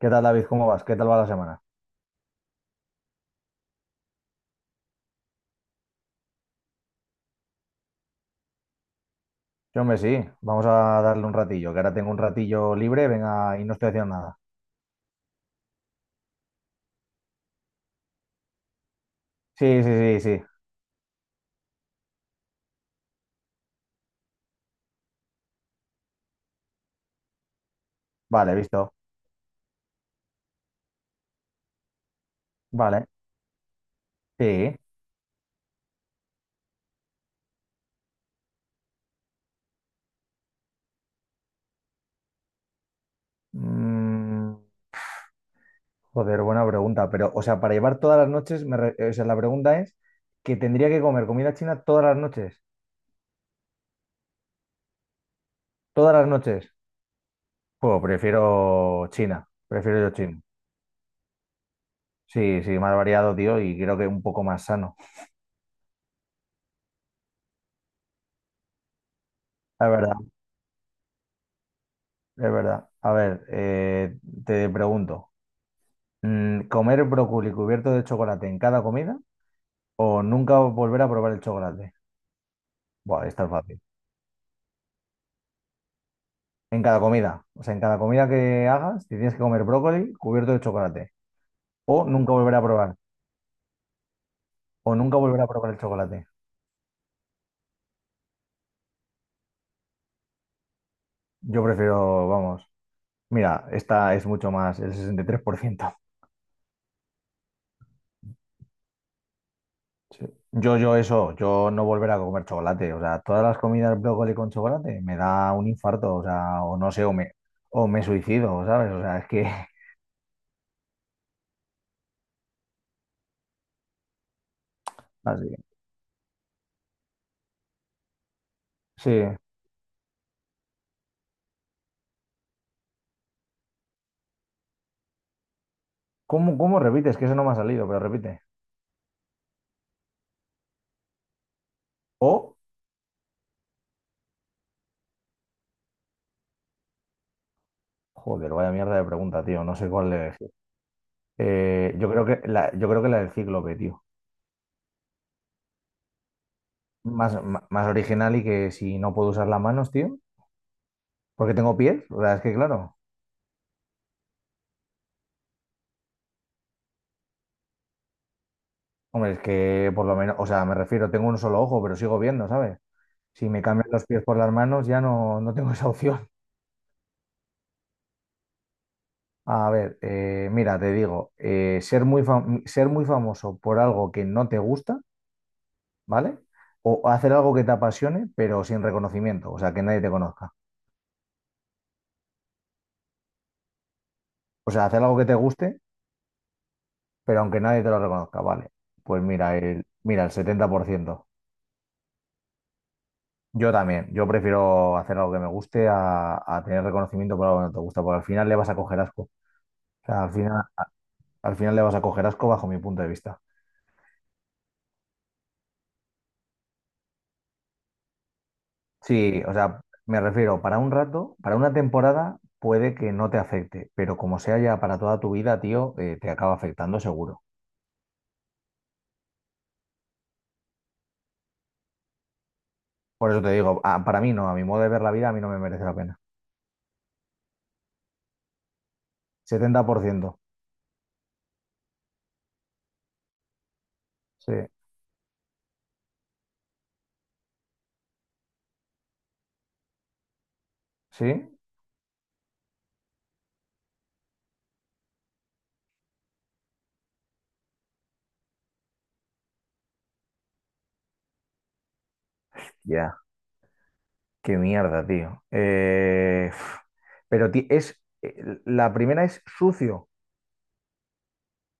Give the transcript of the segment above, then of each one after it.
¿Qué tal, David? ¿Cómo vas? ¿Qué tal va la semana? Sí, hombre, sí, vamos a darle un ratillo, que ahora tengo un ratillo libre, venga, y no estoy haciendo nada. Sí, sí, sí, sí. Vale, visto. Vale, sí. Mm, Joder, buena pregunta, pero, o sea, para llevar todas las noches, o sea, la pregunta es que tendría que comer comida china todas las noches. Todas las noches. Pues prefiero China, prefiero yo China. Sí, sí, más variado, tío, y creo que un poco más sano. Es verdad, es verdad. A ver, te pregunto. ¿Comer brócoli cubierto de chocolate en cada comida o nunca volver a probar el chocolate? Buah, esta es fácil. En cada comida. O sea, en cada comida que hagas, te tienes que comer brócoli cubierto de chocolate. O nunca volver a probar. O nunca volver a probar el chocolate. Yo prefiero, vamos. Mira, esta es mucho más, el 63%. Sí. Yo eso, yo no volver a comer chocolate. O sea, todas las comidas brócoli con chocolate me da un infarto. O sea, o no sé, o me suicido, ¿sabes? O sea, es que... Así. Sí, ¿cómo, cómo repites? Que eso no me ha salido, pero repite. O, joder, vaya mierda de pregunta, tío. No sé cuál de elegir. Yo creo que yo creo que la del cíclope, tío. Más, más original y que si no puedo usar las manos, tío. Porque tengo pies. O sea, es que claro. Hombre, es que por lo menos, o sea, me refiero, tengo un solo ojo, pero sigo viendo, ¿sabes? Si me cambian los pies por las manos, ya no, no tengo esa opción. A ver, mira, te digo, ser ser muy famoso por algo que no te gusta, ¿vale? O hacer algo que te apasione, pero sin reconocimiento, o sea, que nadie te conozca. O sea, hacer algo que te guste, pero aunque nadie te lo reconozca, ¿vale? Pues mira, mira, el 70%. Yo también, yo prefiero hacer algo que me guste a tener reconocimiento por algo que no te gusta, porque al final le vas a coger asco. O sea, al final le vas a coger asco bajo mi punto de vista. Sí, o sea, me refiero, para un rato, para una temporada puede que no te afecte, pero como sea ya para toda tu vida, tío, te acaba afectando seguro. Por eso te digo, ah, para mí no, a mi modo de ver la vida, a mí no me merece la pena. 70%. Sí, sí, ya. Qué mierda, tío. Uf. La primera es sucio.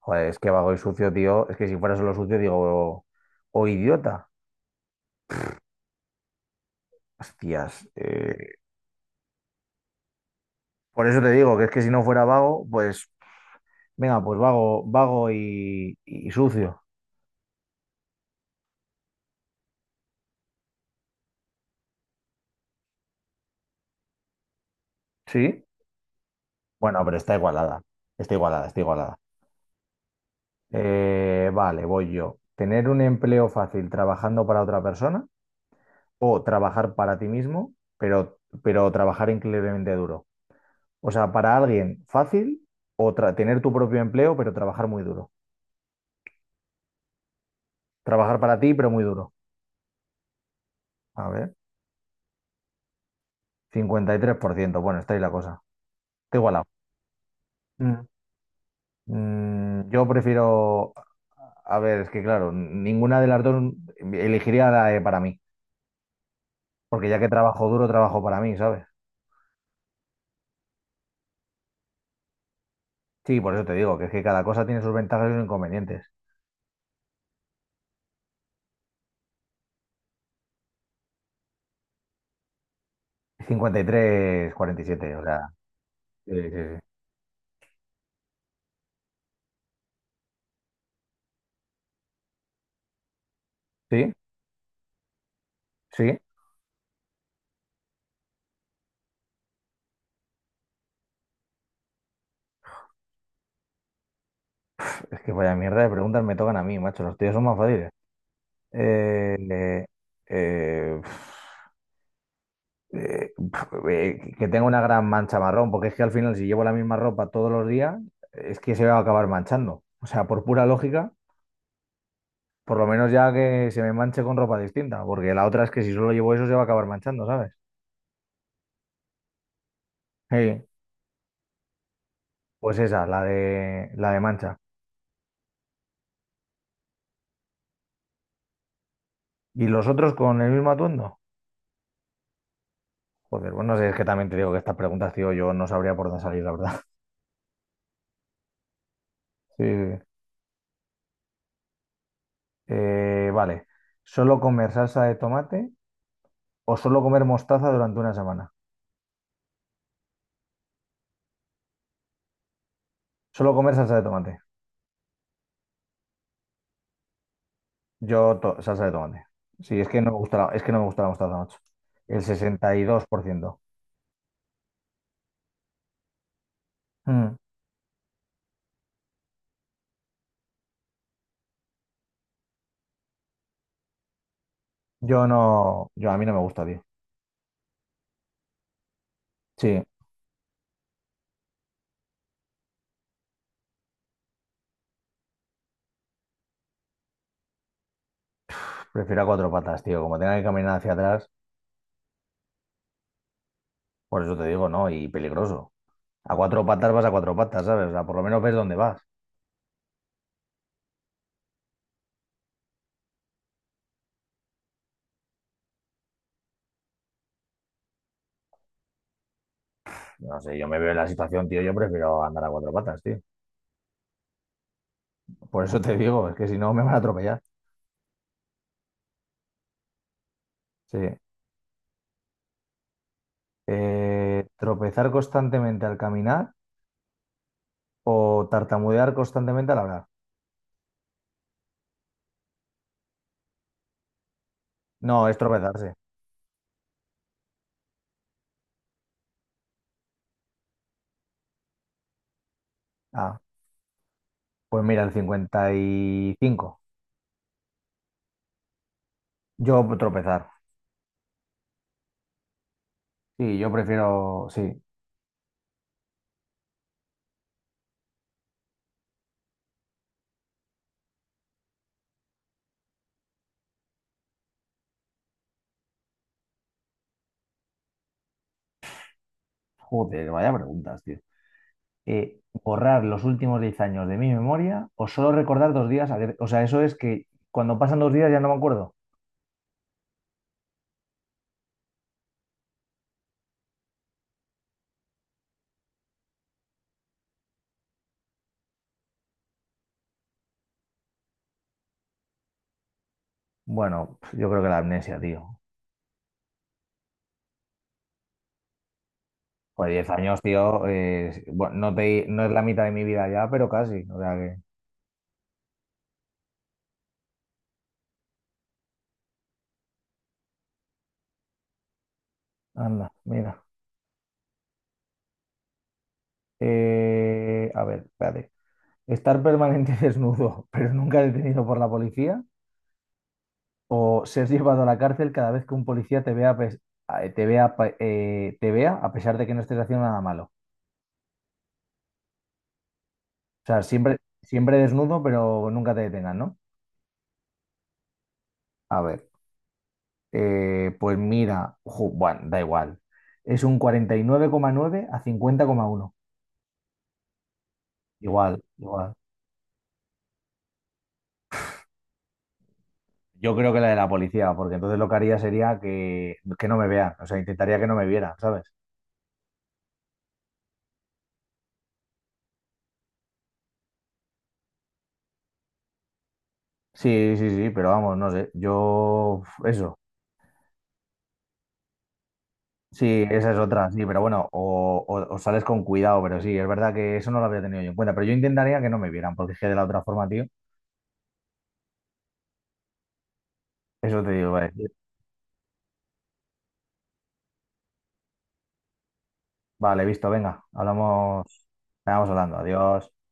Joder, es que vago y sucio, tío. Es que si fuera solo sucio, digo, o, idiota. Hostias. Por eso te digo que es que si no fuera vago, pues, venga, pues vago, vago y sucio. Sí. Bueno, pero está igualada. Está igualada, está igualada. Vale, voy yo. Tener un empleo fácil trabajando para otra persona o trabajar para ti mismo, pero trabajar increíblemente duro. O sea, para alguien fácil o tener tu propio empleo, pero trabajar muy duro. Trabajar para ti, pero muy duro. A ver, 53%. Bueno, está ahí la cosa. Está igualado. Mm. Yo prefiero... A ver, es que claro, ninguna de las dos elegiría la de para mí. Porque ya que trabajo duro, trabajo para mí, ¿sabes? Sí, por eso te digo, que es que cada cosa tiene sus ventajas y sus inconvenientes. 53-47, o sea. Sí, sí, sí. Sí, sí, es que vaya mierda de preguntas me tocan a mí, macho. Los tíos son más fáciles. Eh, eh, eh, que tenga una gran mancha marrón, porque es que al final, si llevo la misma ropa todos los días, es que se va a acabar manchando. O sea, por pura lógica, por lo menos ya que se me manche con ropa distinta, porque la otra es que si solo llevo eso, se va a acabar manchando, ¿sabes? Sí, pues esa, la de mancha. ¿Y los otros con el mismo atuendo? Joder, bueno, es que también te digo que estas preguntas, tío, yo no sabría por dónde salir, la verdad. Sí. Sí. Vale. ¿Solo comer salsa de tomate o solo comer mostaza durante una semana? Solo comer salsa de tomate. Salsa de tomate. Sí, es que no me gusta la mostaza, macho. El 62%. Mm. Yo no, yo a mí no me gusta, tío. Sí, prefiero a cuatro patas, tío. Como tenga que caminar hacia atrás, por eso te digo, ¿no? Y peligroso. A cuatro patas vas a cuatro patas, ¿sabes? O sea, por lo menos ves dónde vas. No sé, yo me veo en la situación, tío, yo prefiero andar a cuatro patas, tío. Por eso te digo, es que si no me van a atropellar. Sí. Tropezar constantemente al caminar o tartamudear constantemente al hablar. No, es tropezarse. Ah, pues mira, el 55. Yo tropezar. Sí, yo prefiero, sí. Joder, vaya preguntas, tío. ¿Borrar los últimos 10 años de mi memoria o solo recordar dos días? O sea, eso es que cuando pasan dos días ya no me acuerdo. Bueno, yo creo que la amnesia, tío. Pues 10 años, tío, bueno, no es la mitad de mi vida ya, pero casi. O sea que, anda, mira. A ver, espérate. Estar permanente desnudo, pero nunca detenido por la policía, o ser llevado a la cárcel cada vez que un policía te vea, a pes- a- te vea, pa- te vea a pesar de que no estés haciendo nada malo. O sea, siempre, siempre desnudo, pero nunca te detengan, ¿no? A ver, pues mira, bueno, da igual. Es un 49,9 a 50,1. Igual, igual. Yo creo que la de la policía, porque entonces lo que haría sería que no me vean, o sea, intentaría que no me vieran, ¿sabes? Sí, sí, sí, pero vamos, no sé, yo eso, sí, esa es otra, sí, pero bueno, o sales con cuidado, pero sí, es verdad que eso no lo había tenido yo en cuenta, pero yo intentaría que no me vieran, porque es que de la otra forma, tío, eso te digo, vale, vale, visto, venga, hablamos, vamos hablando, adiós.